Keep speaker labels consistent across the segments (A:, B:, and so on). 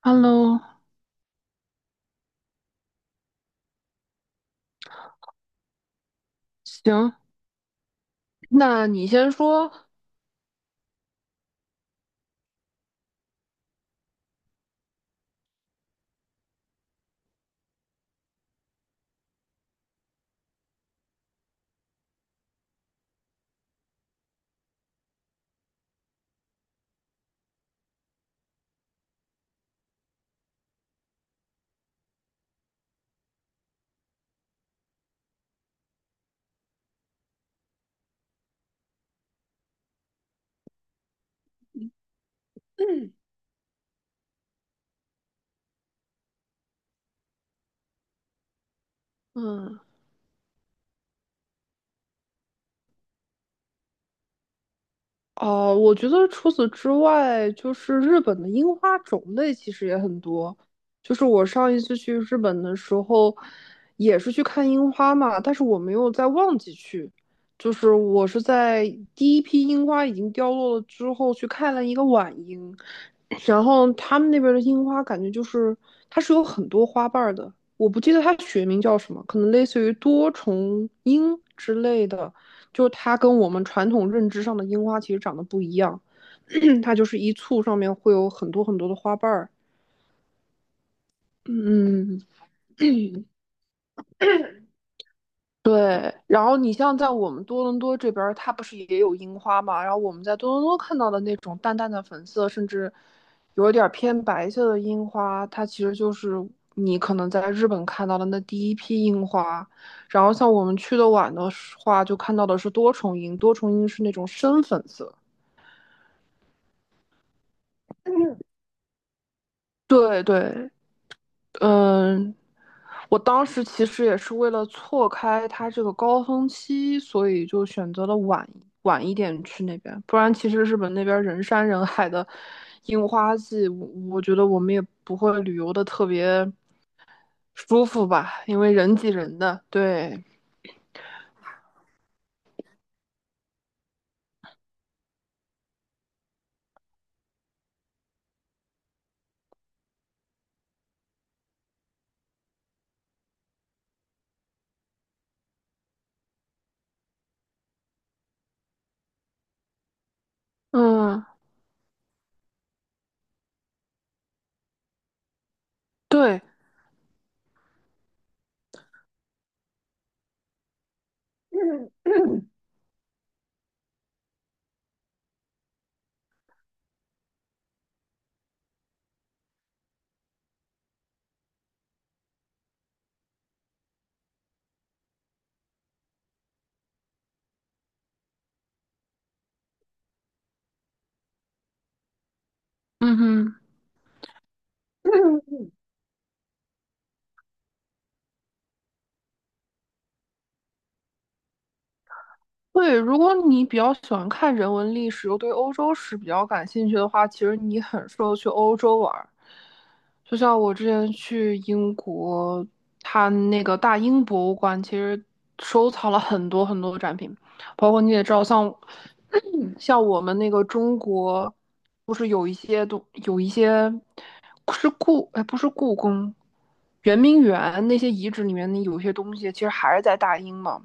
A: Hello，行，那你先说 嗯，哦，我觉得除此之外，就是日本的樱花种类其实也很多。就是我上一次去日本的时候，也是去看樱花嘛，但是我没有在旺季去，就是我是在第一批樱花已经凋落了之后去看了一个晚樱，然后他们那边的樱花感觉就是它是有很多花瓣儿的，我不记得它学名叫什么，可能类似于多重樱之类的，就是它跟我们传统认知上的樱花其实长得不一样，它就是一簇上面会有很多很多的花瓣儿。嗯，对，然后你像在我们多伦多这边儿，它不是也有樱花嘛？然后我们在多伦多看到的那种淡淡的粉色，甚至有一点儿偏白色的樱花，它其实就是你可能在日本看到的那第一批樱花。然后像我们去的晚的话，就看到的是多重樱，多重樱是那种深粉色。对对，嗯，我当时其实也是为了错开它这个高峰期，所以就选择了晚一点去那边。不然，其实日本那边人山人海的樱花季，我觉得我们也不会旅游的特别舒服吧，因为人挤人的。对，嗯，对，嗯哼。对，如果你比较喜欢看人文历史，又对欧洲史比较感兴趣的话，其实你很适合去欧洲玩儿。就像我之前去英国，它那个大英博物馆其实收藏了很多很多的展品，包括你也知道，像 像我们那个中国，不是有一些哎，不是故宫，圆明园那些遗址里面的有些东西，其实还是在大英嘛。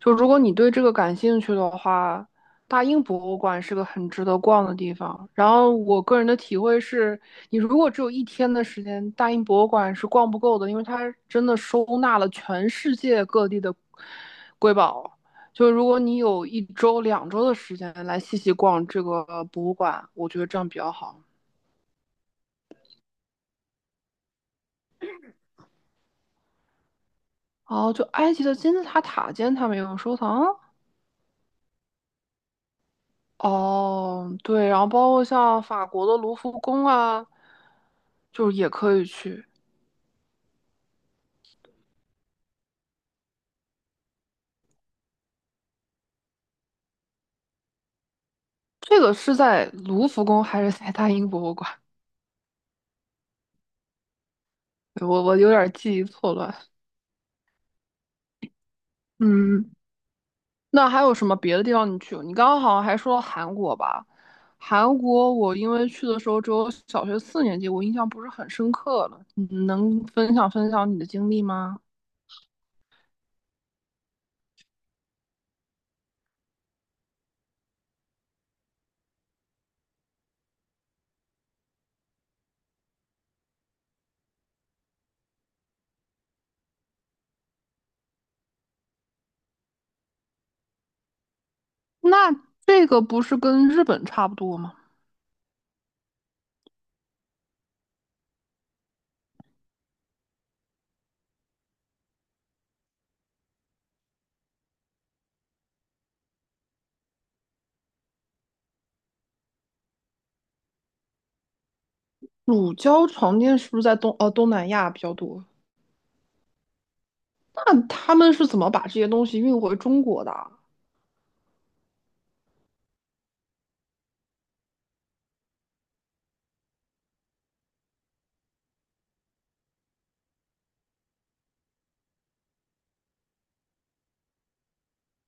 A: 就如果你对这个感兴趣的话，大英博物馆是个很值得逛的地方。然后我个人的体会是，你如果只有一天的时间，大英博物馆是逛不够的，因为它真的收纳了全世界各地的瑰宝。就如果你有一周、两周的时间来细细逛这个博物馆，我觉得这样比较好。哦，就埃及的金字塔塔尖，他们也有收藏。哦，对，然后包括像法国的卢浮宫啊，就是也可以去。这个是在卢浮宫还是在大英博物馆？对我有点记忆错乱。嗯，那还有什么别的地方你去过你刚刚好像还说韩国吧？韩国我因为去的时候只有小学四年级，我印象不是很深刻了。你能分享分享你的经历吗？那这个不是跟日本差不多吗？乳胶床垫是不是在东南亚比较多？那他们是怎么把这些东西运回中国的？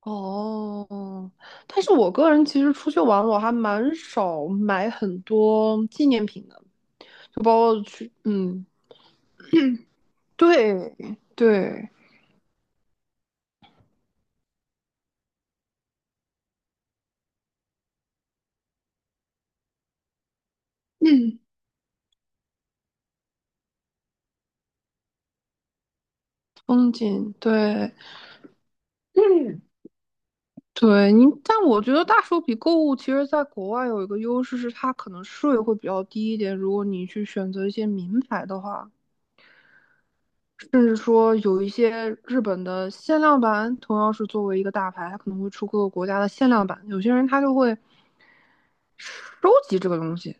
A: 哦，但是我个人其实出去玩，我还蛮少买很多纪念品的，就包括去，嗯，对对，嗯风景，对嗯，对，你，但我觉得大手笔购物其实在国外有一个优势是它可能税会比较低一点，如果你去选择一些名牌的话，甚至说有一些日本的限量版，同样是作为一个大牌，它可能会出各个国家的限量版。有些人他就会收集这个东西。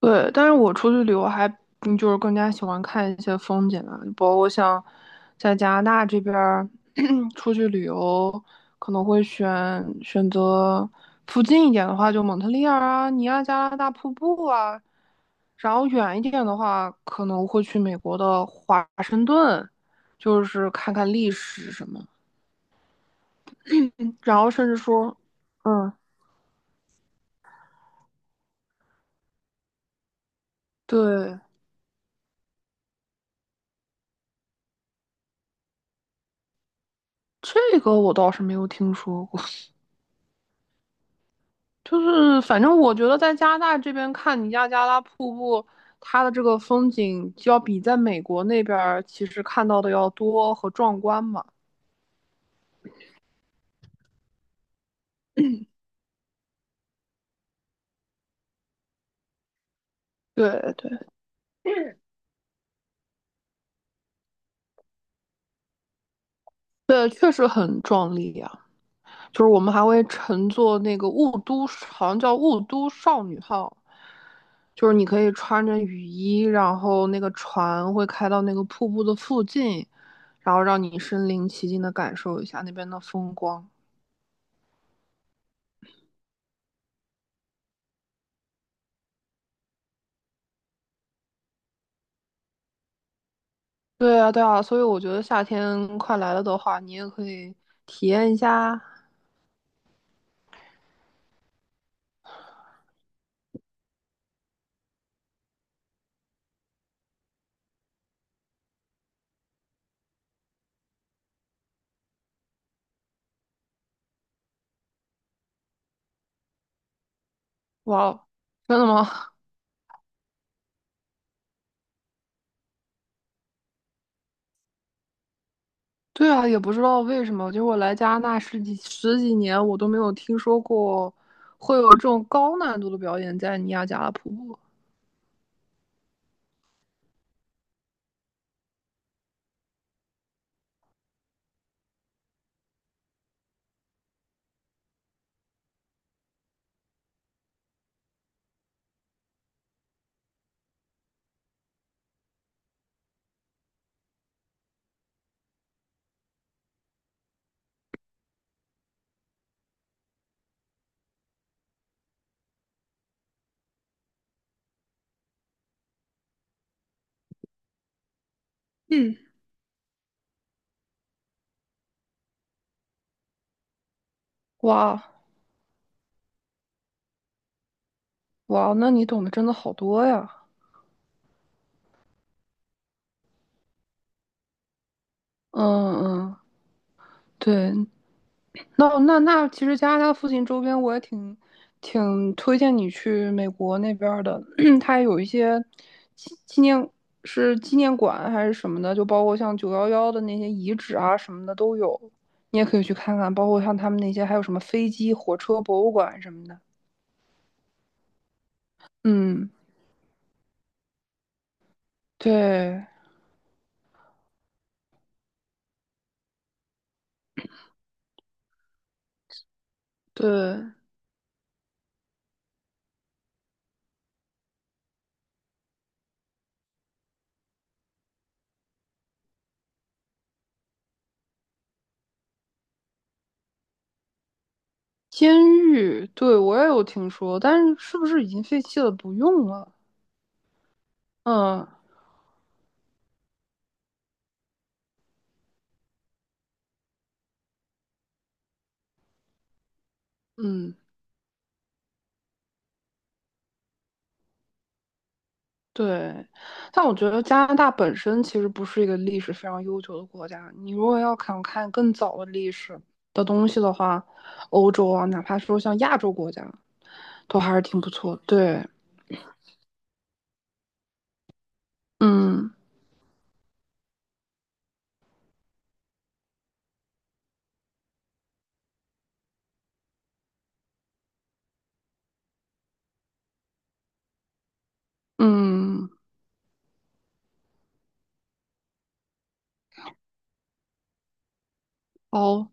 A: 对，但是我出去旅游还嗯就是更加喜欢看一些风景啊，包括像在加拿大这边儿 出去旅游，可能会选择附近一点的话，就蒙特利尔啊、尼亚加拉大瀑布啊，然后远一点的话，可能会去美国的华盛顿，就是看看历史什么。然后甚至说，嗯，对，这个我倒是没有听说过。就是反正我觉得在加拿大这边看尼亚加拉瀑布，它的这个风景就要比在美国那边儿其实看到的要多和壮观嘛。对对。对，确实很壮丽啊！就是我们还会乘坐那个雾都，好像叫雾都少女号，就是你可以穿着雨衣，然后那个船会开到那个瀑布的附近，然后让你身临其境的感受一下那边的风光。对啊，对啊，所以我觉得夏天快来了的话，你也可以体验一下。哇哦真的吗？对啊，也不知道为什么，就是我来加拿大十几年，我都没有听说过会有这种高难度的表演在尼亚加拉瀑布。嗯，哇哦哇哦，那你懂得真的好多呀！嗯嗯，对，那，其实加拿大附近周边我也挺推荐你去美国那边儿的，它有一些纪纪念是纪念馆还是什么的，就包括像911的那些遗址啊什么的都有，你也可以去看看，包括像他们那些还有什么飞机、火车博物馆什么的。嗯，对对，监狱，对我也有听说，但是是不是已经废弃了，不用了？嗯嗯。对，但我觉得加拿大本身其实不是一个历史非常悠久的国家。你如果要想看更早的历史的东西的话，欧洲啊，哪怕说像亚洲国家，都还是挺不错的对，嗯嗯，好。